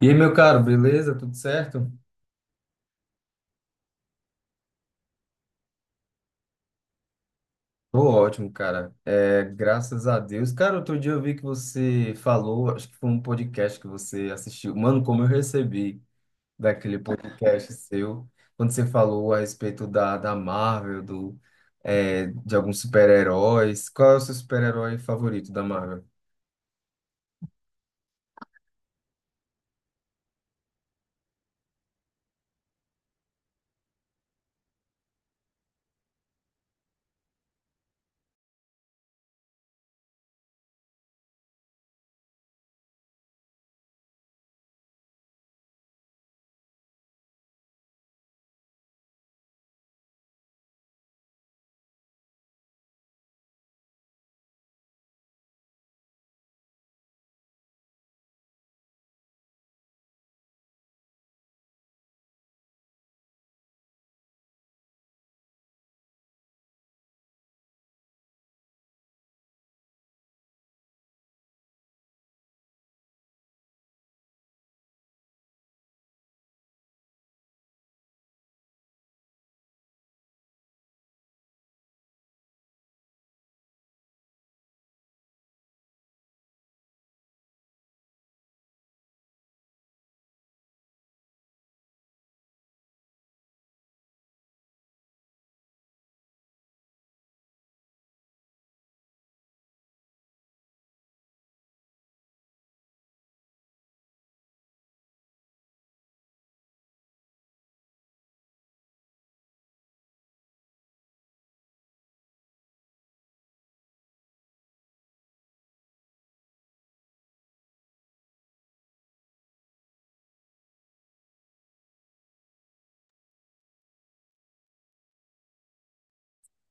E aí, meu caro, beleza? Tudo certo? Tô ótimo, cara. É, graças a Deus. Cara, outro dia eu vi que você falou, acho que foi um podcast que você assistiu. Mano, como eu recebi daquele podcast seu, quando você falou a respeito da Marvel, de alguns super-heróis. Qual é o seu super-herói favorito da Marvel?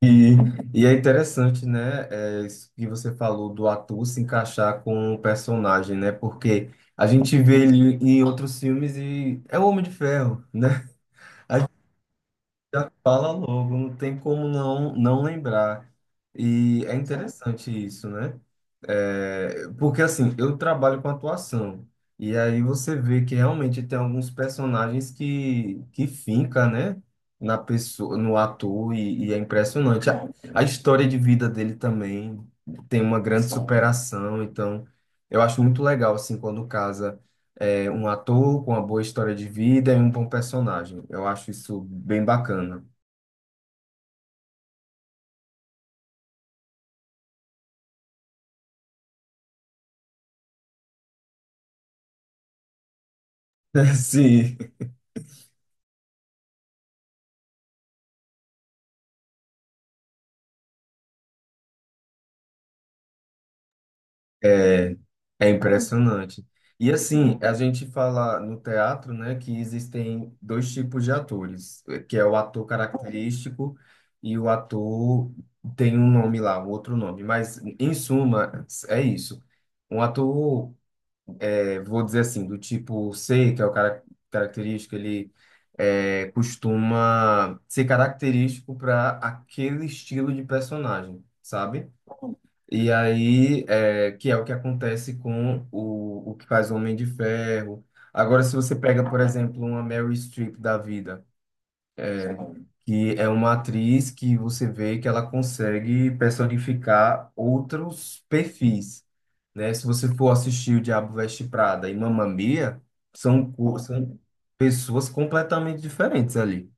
E, e é interessante, né, isso que você falou do ator se encaixar com o personagem, né? Porque a gente vê ele em outros filmes e é o Homem de Ferro, né? Já fala logo, não tem como não lembrar. E é interessante isso, né? É, porque assim, eu trabalho com atuação, e aí você vê que realmente tem alguns personagens que finca, né? Na pessoa, no ator, e é impressionante. A história de vida dele também tem uma grande superação, então eu acho muito legal, assim, quando casa um ator com uma boa história de vida e um bom personagem. Eu acho isso bem bacana. Sim, é é impressionante. E assim, a gente fala no teatro, né, que existem dois tipos de atores, que é o ator característico e o ator tem um nome lá, um outro nome. Mas, em suma, é isso. Um ator, vou dizer assim, do tipo C, que é o cara característico, ele costuma ser característico para aquele estilo de personagem, sabe? E aí, que é o que acontece com o que faz o Homem de Ferro. Agora, se você pega, por exemplo, uma Mary Streep da vida, que é uma atriz que você vê que ela consegue personificar outros perfis, né? Se você for assistir O Diabo Veste Prada e Mamma Mia, são, são pessoas completamente diferentes ali.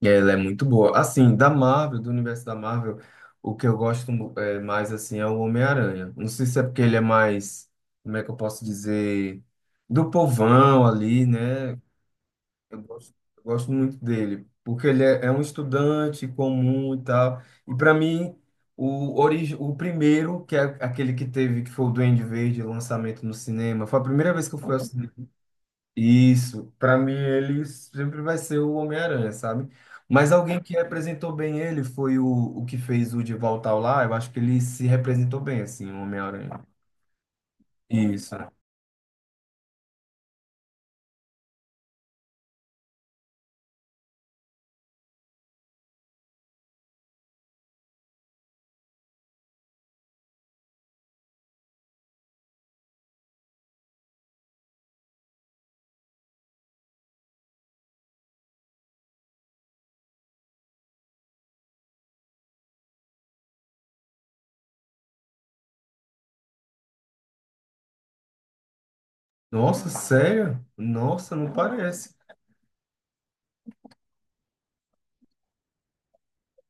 Ela é muito boa. Assim, da Marvel, do universo da Marvel, o que eu gosto mais assim é o Homem-Aranha. Não sei se é porque ele é mais, como é que eu posso dizer, do povão ali, né? Eu gosto muito dele, porque ele é um estudante comum e tal. E para mim, o primeiro, que é aquele que teve, que foi o Duende Verde, o lançamento no cinema, foi a primeira vez que eu fui ao. Isso. Para mim ele sempre vai ser o Homem-Aranha, sabe? Mas alguém que representou bem ele foi o que fez o De Volta ao Lar, eu acho que ele se representou bem, assim, o Homem-Aranha. Isso. Nossa, sério? Nossa, não parece.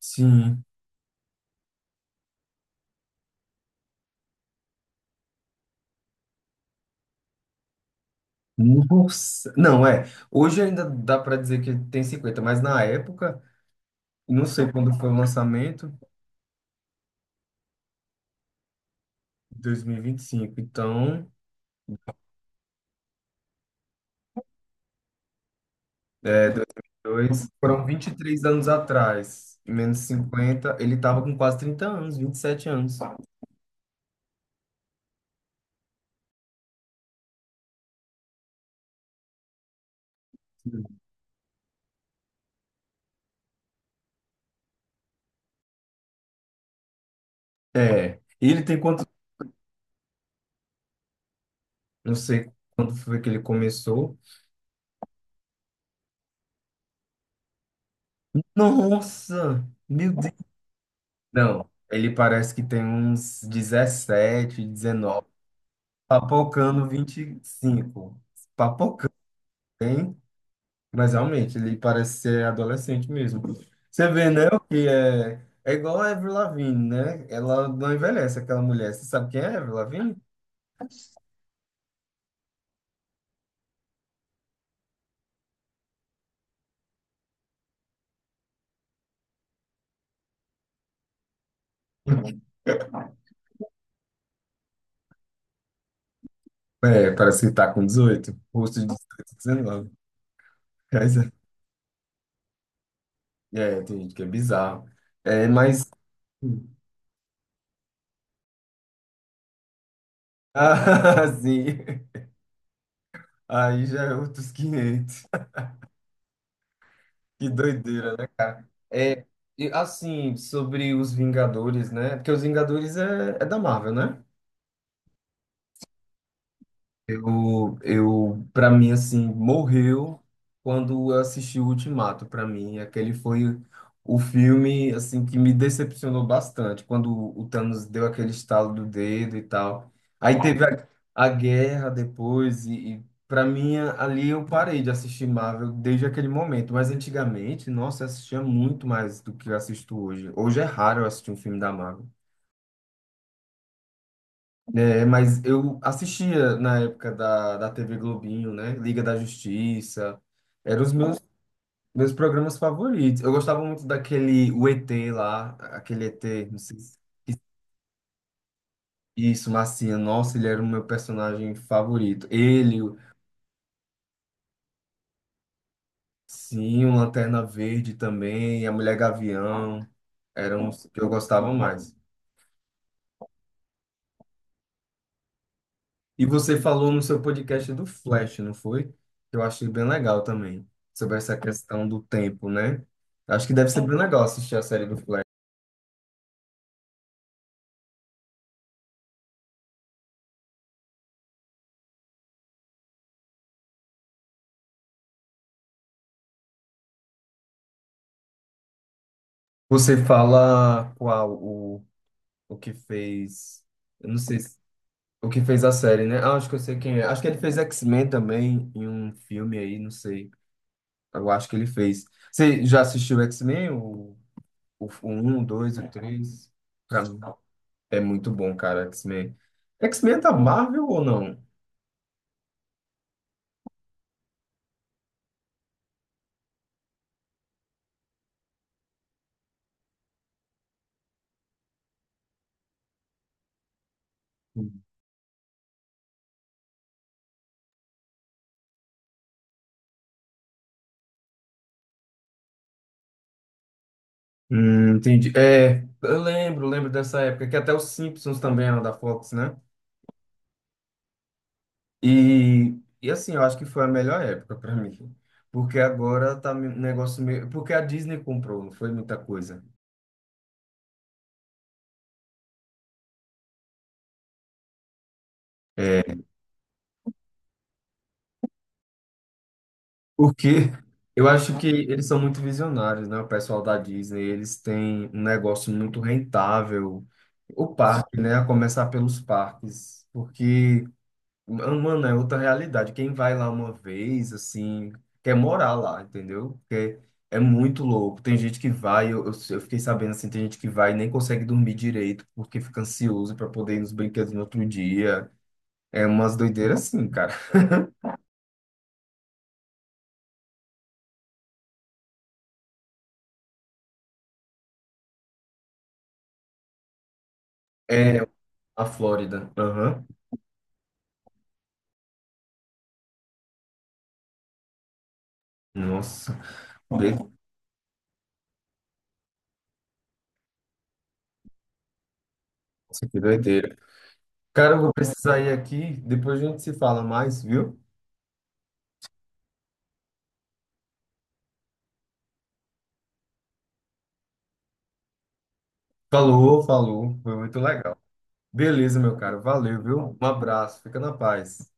Sim. Nossa. Não, é. Hoje ainda dá para dizer que tem 50, mas na época, não sei quando foi o lançamento, dois mil e vinte e cinco. Então. É, 2002. Foram 23 anos atrás. Menos 50. Ele tava com quase 30 anos, 27 anos. É. E ele tem quanto? Não sei quando foi que ele começou. Nossa! Meu Deus! Não, ele parece que tem uns 17, 19. Papocando 25. Papocando, hein? Mas realmente, ele parece ser adolescente mesmo. Você vê, né? O que é. É igual a Avril Lavigne, né? Ela não envelhece, aquela mulher. Você sabe quem é a Avril Lavigne? É, parece que tá com 18, rosto de 18, 19. Mas tem gente que é bizarro. É, mas. Ah, sim. Aí já é outros quinhentos. Que doideira, né, cara? É, e assim, sobre os Vingadores, né? Porque os Vingadores é da Marvel, né? Eu para mim assim, morreu quando eu assisti o Ultimato, para mim, aquele foi o filme assim que me decepcionou bastante, quando o Thanos deu aquele estalo do dedo e tal. Aí teve a guerra depois e para mim ali eu parei de assistir Marvel desde aquele momento, mas antigamente, nossa, eu assistia muito mais do que eu assisto hoje. Hoje é raro eu assistir um filme da Marvel. É, mas eu assistia na época da TV Globinho, né? Liga da Justiça. Eram os meus programas favoritos. Eu gostava muito daquele o ET lá, aquele ET, não sei se... Isso, Marciano. Nossa, ele era o meu personagem favorito. Sim, o Lanterna Verde também, a Mulher Gavião, eram os que eu gostava mais. E você falou no seu podcast do Flash, não foi? Eu achei bem legal também, sobre essa questão do tempo, né? Acho que deve ser bem legal assistir a série do Flash. Você fala qual o que fez. Eu não sei o que fez a série, né? Ah, acho que eu sei quem é. Acho que ele fez X-Men também em um filme aí, não sei. Eu acho que ele fez. Você já assistiu X-Men? O 1, o 2, o 3? Pra mim, é muito bom, cara, X-Men. X-Men é da Marvel ou não? Entendi. É, eu lembro dessa época, que até os Simpsons também eram da Fox, né? E assim, eu acho que foi a melhor época para mim. Porque agora tá um negócio meio. Porque a Disney comprou, não foi muita coisa. É, porque eu acho que eles são muito visionários, né? O pessoal da Disney, eles têm um negócio muito rentável. O parque, né? A começar pelos parques. Porque. Mano, é outra realidade. Quem vai lá uma vez, assim, quer morar lá, entendeu? Porque é muito louco. Tem gente que vai, eu fiquei sabendo assim, tem gente que vai e nem consegue dormir direito porque fica ansioso para poder ir nos brinquedos no outro dia. É umas doideiras assim, cara. É a Flórida. Aham. Nossa, be- nossa, que doideira. Cara, eu vou precisar ir aqui, depois a gente se fala mais, viu? Falou, falou. Foi muito legal. Beleza, meu caro. Valeu, viu? Um abraço. Fica na paz.